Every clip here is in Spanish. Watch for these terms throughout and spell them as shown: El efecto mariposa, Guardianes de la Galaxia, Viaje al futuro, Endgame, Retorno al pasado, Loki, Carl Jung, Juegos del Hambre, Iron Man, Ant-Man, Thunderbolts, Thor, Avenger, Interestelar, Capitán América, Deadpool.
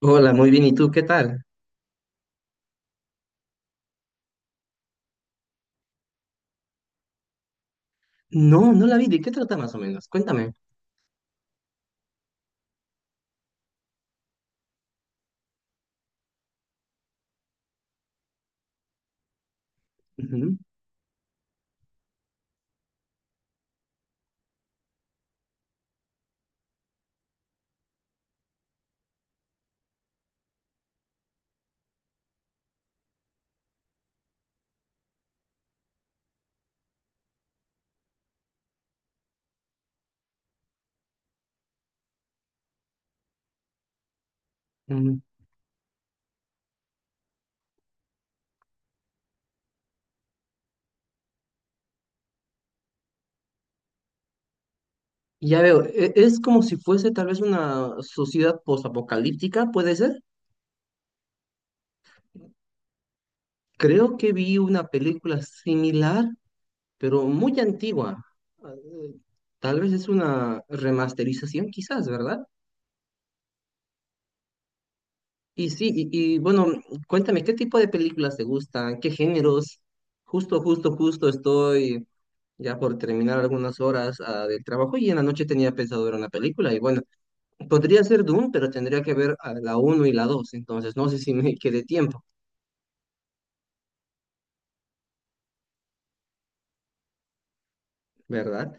Hola, muy bien. ¿Y tú qué tal? No, no la vi. ¿De qué trata más o menos? Cuéntame. Ujú. Mm. Ya veo. Es como si fuese tal vez una sociedad posapocalíptica, ¿puede ser? Creo que vi una película similar, pero muy antigua. Ah, tal vez es una remasterización, quizás, ¿verdad? Y sí, y, bueno, cuéntame, ¿qué tipo de películas te gustan? ¿Qué géneros? Justo estoy ya por terminar algunas horas del trabajo y en la noche tenía pensado ver una película. Y bueno, podría ser Doom, pero tendría que ver a la uno y la dos, entonces no sé si me quede tiempo, ¿verdad?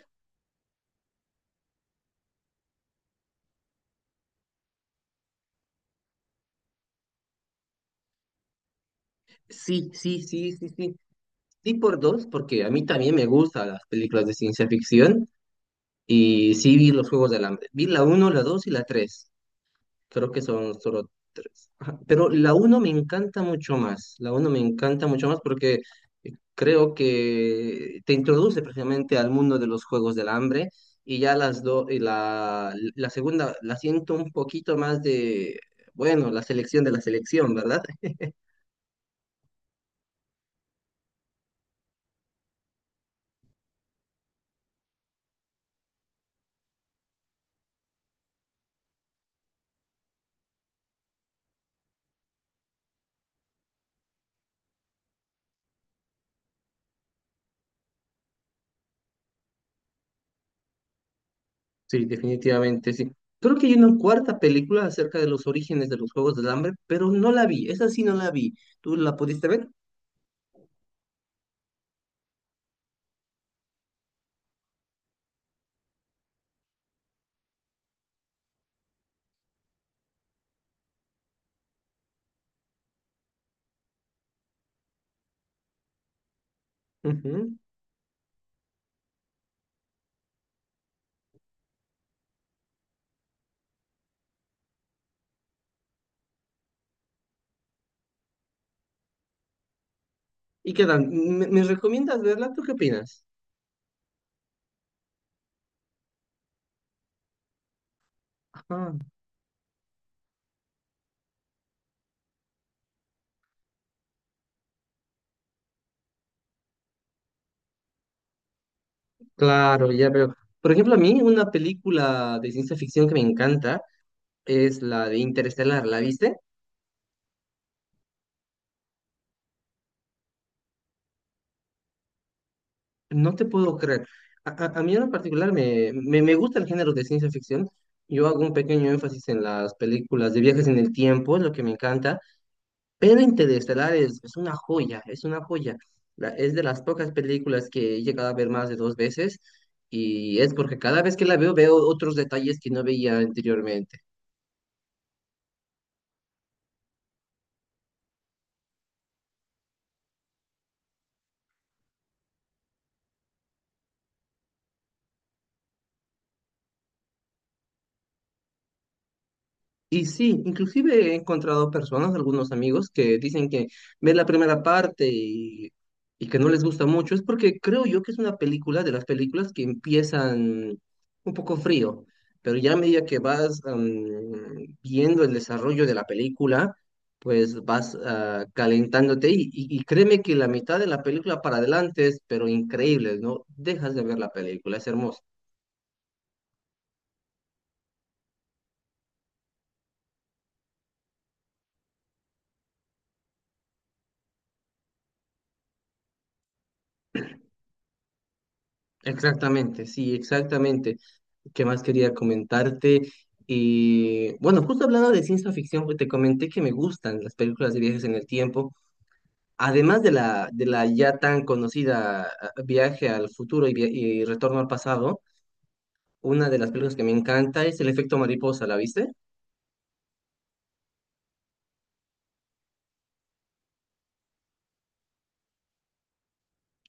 Sí, sí, sí, sí, sí. Sí por dos, porque a mí también me gustan las películas de ciencia ficción y sí vi los Juegos del Hambre. Vi la uno, la 2 y la tres. Creo que son solo tres. Ajá. Pero la uno me encanta mucho más. La uno me encanta mucho más porque creo que te introduce precisamente al mundo de los juegos del hambre. Y ya las dos, y la segunda la siento un poquito más de, bueno, la selección de la selección, ¿verdad? Sí, definitivamente, sí. Creo que hay una cuarta película acerca de los orígenes de los juegos del hambre, pero no la vi. Esa sí no la vi. ¿Tú la pudiste ver? Ujú. ¿Y qué tal? ¿Me recomiendas verla? ¿Tú qué opinas? Ah, claro, ya veo. Por ejemplo, a mí una película de ciencia ficción que me encanta es la de Interestelar. ¿La viste? No te puedo creer. A mí en particular me gusta el género de ciencia ficción. Yo hago un pequeño énfasis en las películas de viajes en el tiempo, es lo que me encanta. Pero Interestelar es una joya, es una joya. Es de las pocas películas que he llegado a ver más de dos veces. Y es porque cada vez que la veo, veo otros detalles que no veía anteriormente. Y sí, inclusive he encontrado personas, algunos amigos, que dicen que ven la primera parte y que no les gusta mucho. Es porque creo yo que es una película de las películas que empiezan un poco frío, pero ya a medida que vas viendo el desarrollo de la película, pues vas calentándote y créeme que la mitad de la película para adelante es, pero increíble, ¿no? Dejas de ver la película, es hermoso. Exactamente, sí, exactamente. ¿Qué más quería comentarte? Y bueno, justo hablando de ciencia ficción, pues, te comenté que me gustan las películas de viajes en el tiempo, además de la ya tan conocida Viaje al futuro y Retorno al pasado, una de las películas que me encanta es El efecto mariposa, ¿la viste?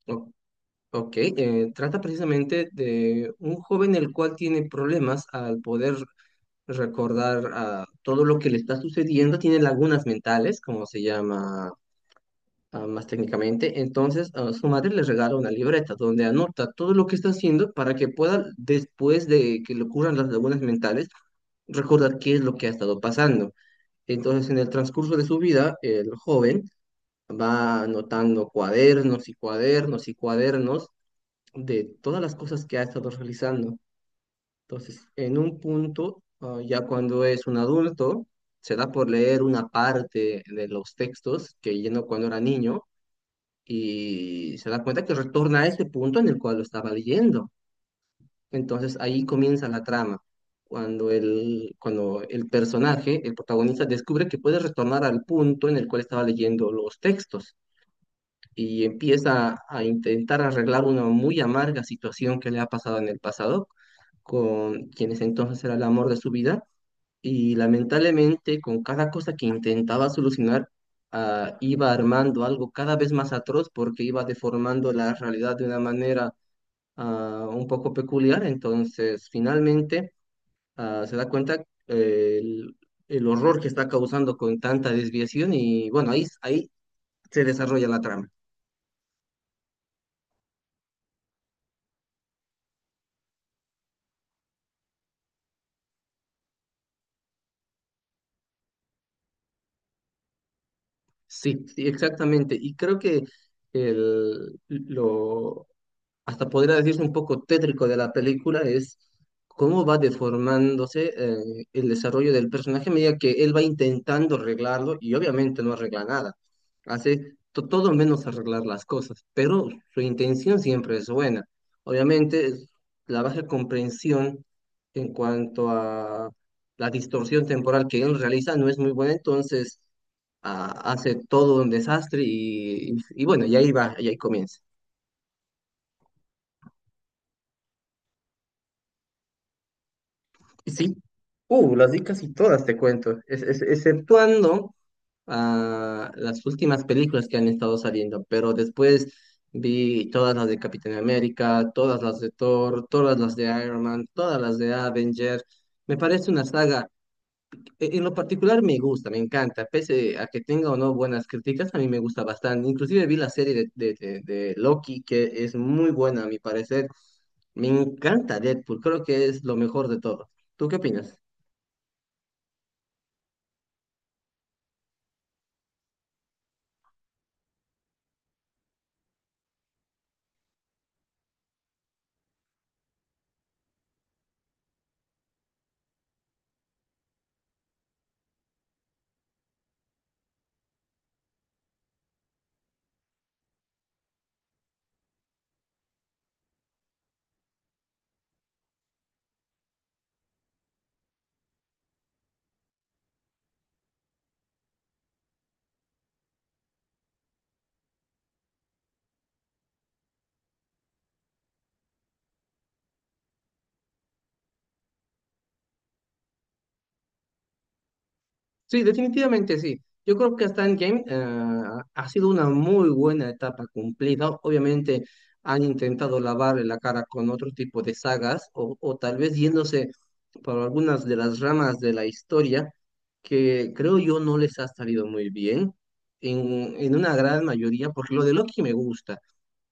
O- ok, trata precisamente de un joven el cual tiene problemas al poder recordar todo lo que le está sucediendo, tiene lagunas mentales, como se llama más técnicamente. Entonces, su madre le regala una libreta donde anota todo lo que está haciendo para que pueda, después de que le ocurran las lagunas mentales, recordar qué es lo que ha estado pasando. Entonces, en el transcurso de su vida, el joven va anotando cuadernos y cuadernos y cuadernos de todas las cosas que ha estado realizando. Entonces, en un punto, ya cuando es un adulto, se da por leer una parte de los textos que llenó cuando era niño y se da cuenta que retorna a ese punto en el cual lo estaba leyendo. Entonces ahí comienza la trama, cuando el personaje, el protagonista, descubre que puede retornar al punto en el cual estaba leyendo los textos y empieza a intentar arreglar una muy amarga situación que le ha pasado en el pasado con quienes entonces era el amor de su vida y lamentablemente, con cada cosa que intentaba solucionar, iba armando algo cada vez más atroz porque iba deformando la realidad de una manera un poco peculiar. Entonces, finalmente, se da cuenta eh, el, el horror que está causando con tanta desviación y bueno, ahí se desarrolla la trama. Sí, sí, exactamente. Y creo que el, lo, hasta podría decirse un poco tétrico de la película es cómo va deformándose el desarrollo del personaje a medida que él va intentando arreglarlo y obviamente no arregla nada. Hace todo menos arreglar las cosas, pero su intención siempre es buena. Obviamente es la baja comprensión en cuanto a la distorsión temporal que él realiza no es muy buena, entonces hace todo un desastre y bueno, y ahí va, y ahí comienza. Sí, las di casi todas, te cuento, exceptuando las últimas películas que han estado saliendo, pero después vi todas las de Capitán América, todas las de Thor, todas las de Iron Man, todas las de Avenger. Me parece una saga, en lo particular me gusta, me encanta, pese a que tenga o no buenas críticas, a mí me gusta bastante. Inclusive vi la serie de, de Loki, que es muy buena a mi parecer. Me encanta Deadpool, creo que es lo mejor de todo. ¿Tú qué opinas? Sí, definitivamente sí. Yo creo que hasta Endgame ha sido una muy buena etapa cumplida. Obviamente han intentado lavarle la cara con otro tipo de sagas o tal vez yéndose por algunas de las ramas de la historia que creo yo no les ha salido muy bien en una gran mayoría, porque lo de Loki me gusta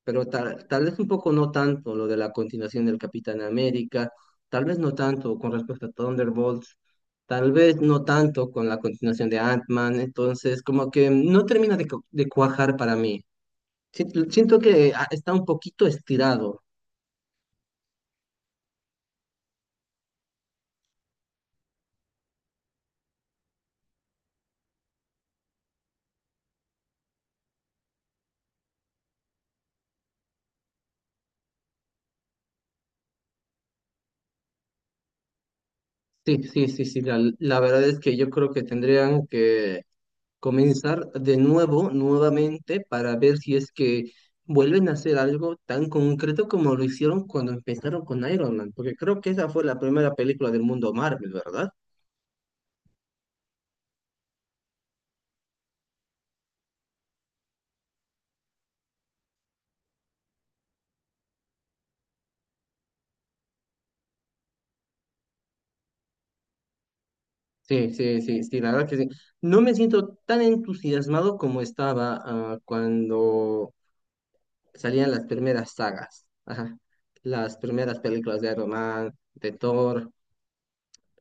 pero tal vez un poco no tanto lo de la continuación del Capitán América, tal vez no tanto con respecto a Thunderbolts, tal vez no tanto con la continuación de Ant-Man, entonces como que no termina de, de cuajar para mí. Siento que está un poquito estirado. Sí, sí, sí, sí, la verdad es que yo creo que tendrían que comenzar de nuevo, nuevamente, para ver si es que vuelven a hacer algo tan concreto como lo hicieron cuando empezaron con Iron Man, porque creo que esa fue la primera película del mundo Marvel, ¿verdad? Sí, sí, sí, sí, la verdad que sí. No me siento tan entusiasmado como estaba cuando salían las primeras sagas, ajá, las primeras películas de Iron Man, de Thor.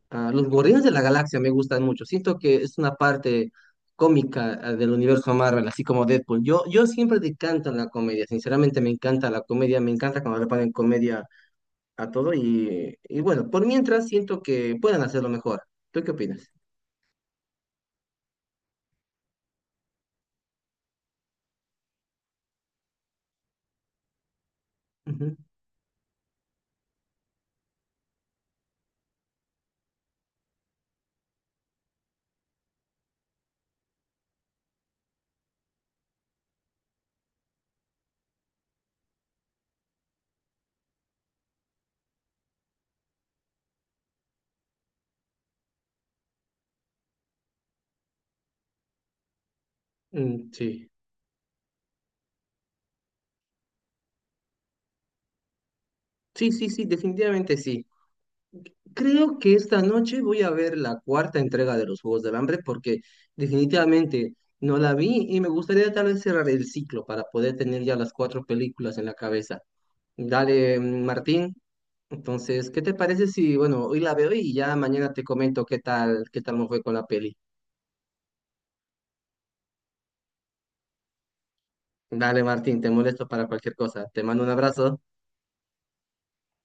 Ah, los Guardianes de la Galaxia me gustan mucho. Siento que es una parte cómica del universo Marvel, así como Deadpool. Yo siempre decanto en la comedia. Sinceramente, me encanta la comedia. Me encanta cuando le ponen comedia a todo. Y bueno, por mientras siento que pueden hacerlo mejor. ¿Tú qué opinas? Ujú. Mm, sí. Sí, sí, sí, definitivamente sí. Creo que esta noche voy a ver la cuarta entrega de los Juegos del Hambre porque definitivamente no la vi y me gustaría tal vez cerrar el ciclo para poder tener ya las cuatro películas en la cabeza. Dale, Martín. Entonces, ¿qué te parece si, bueno, hoy la veo y ya mañana te comento qué tal me fue con la peli? Dale, Martín, te molesto para cualquier cosa. Te mando un abrazo.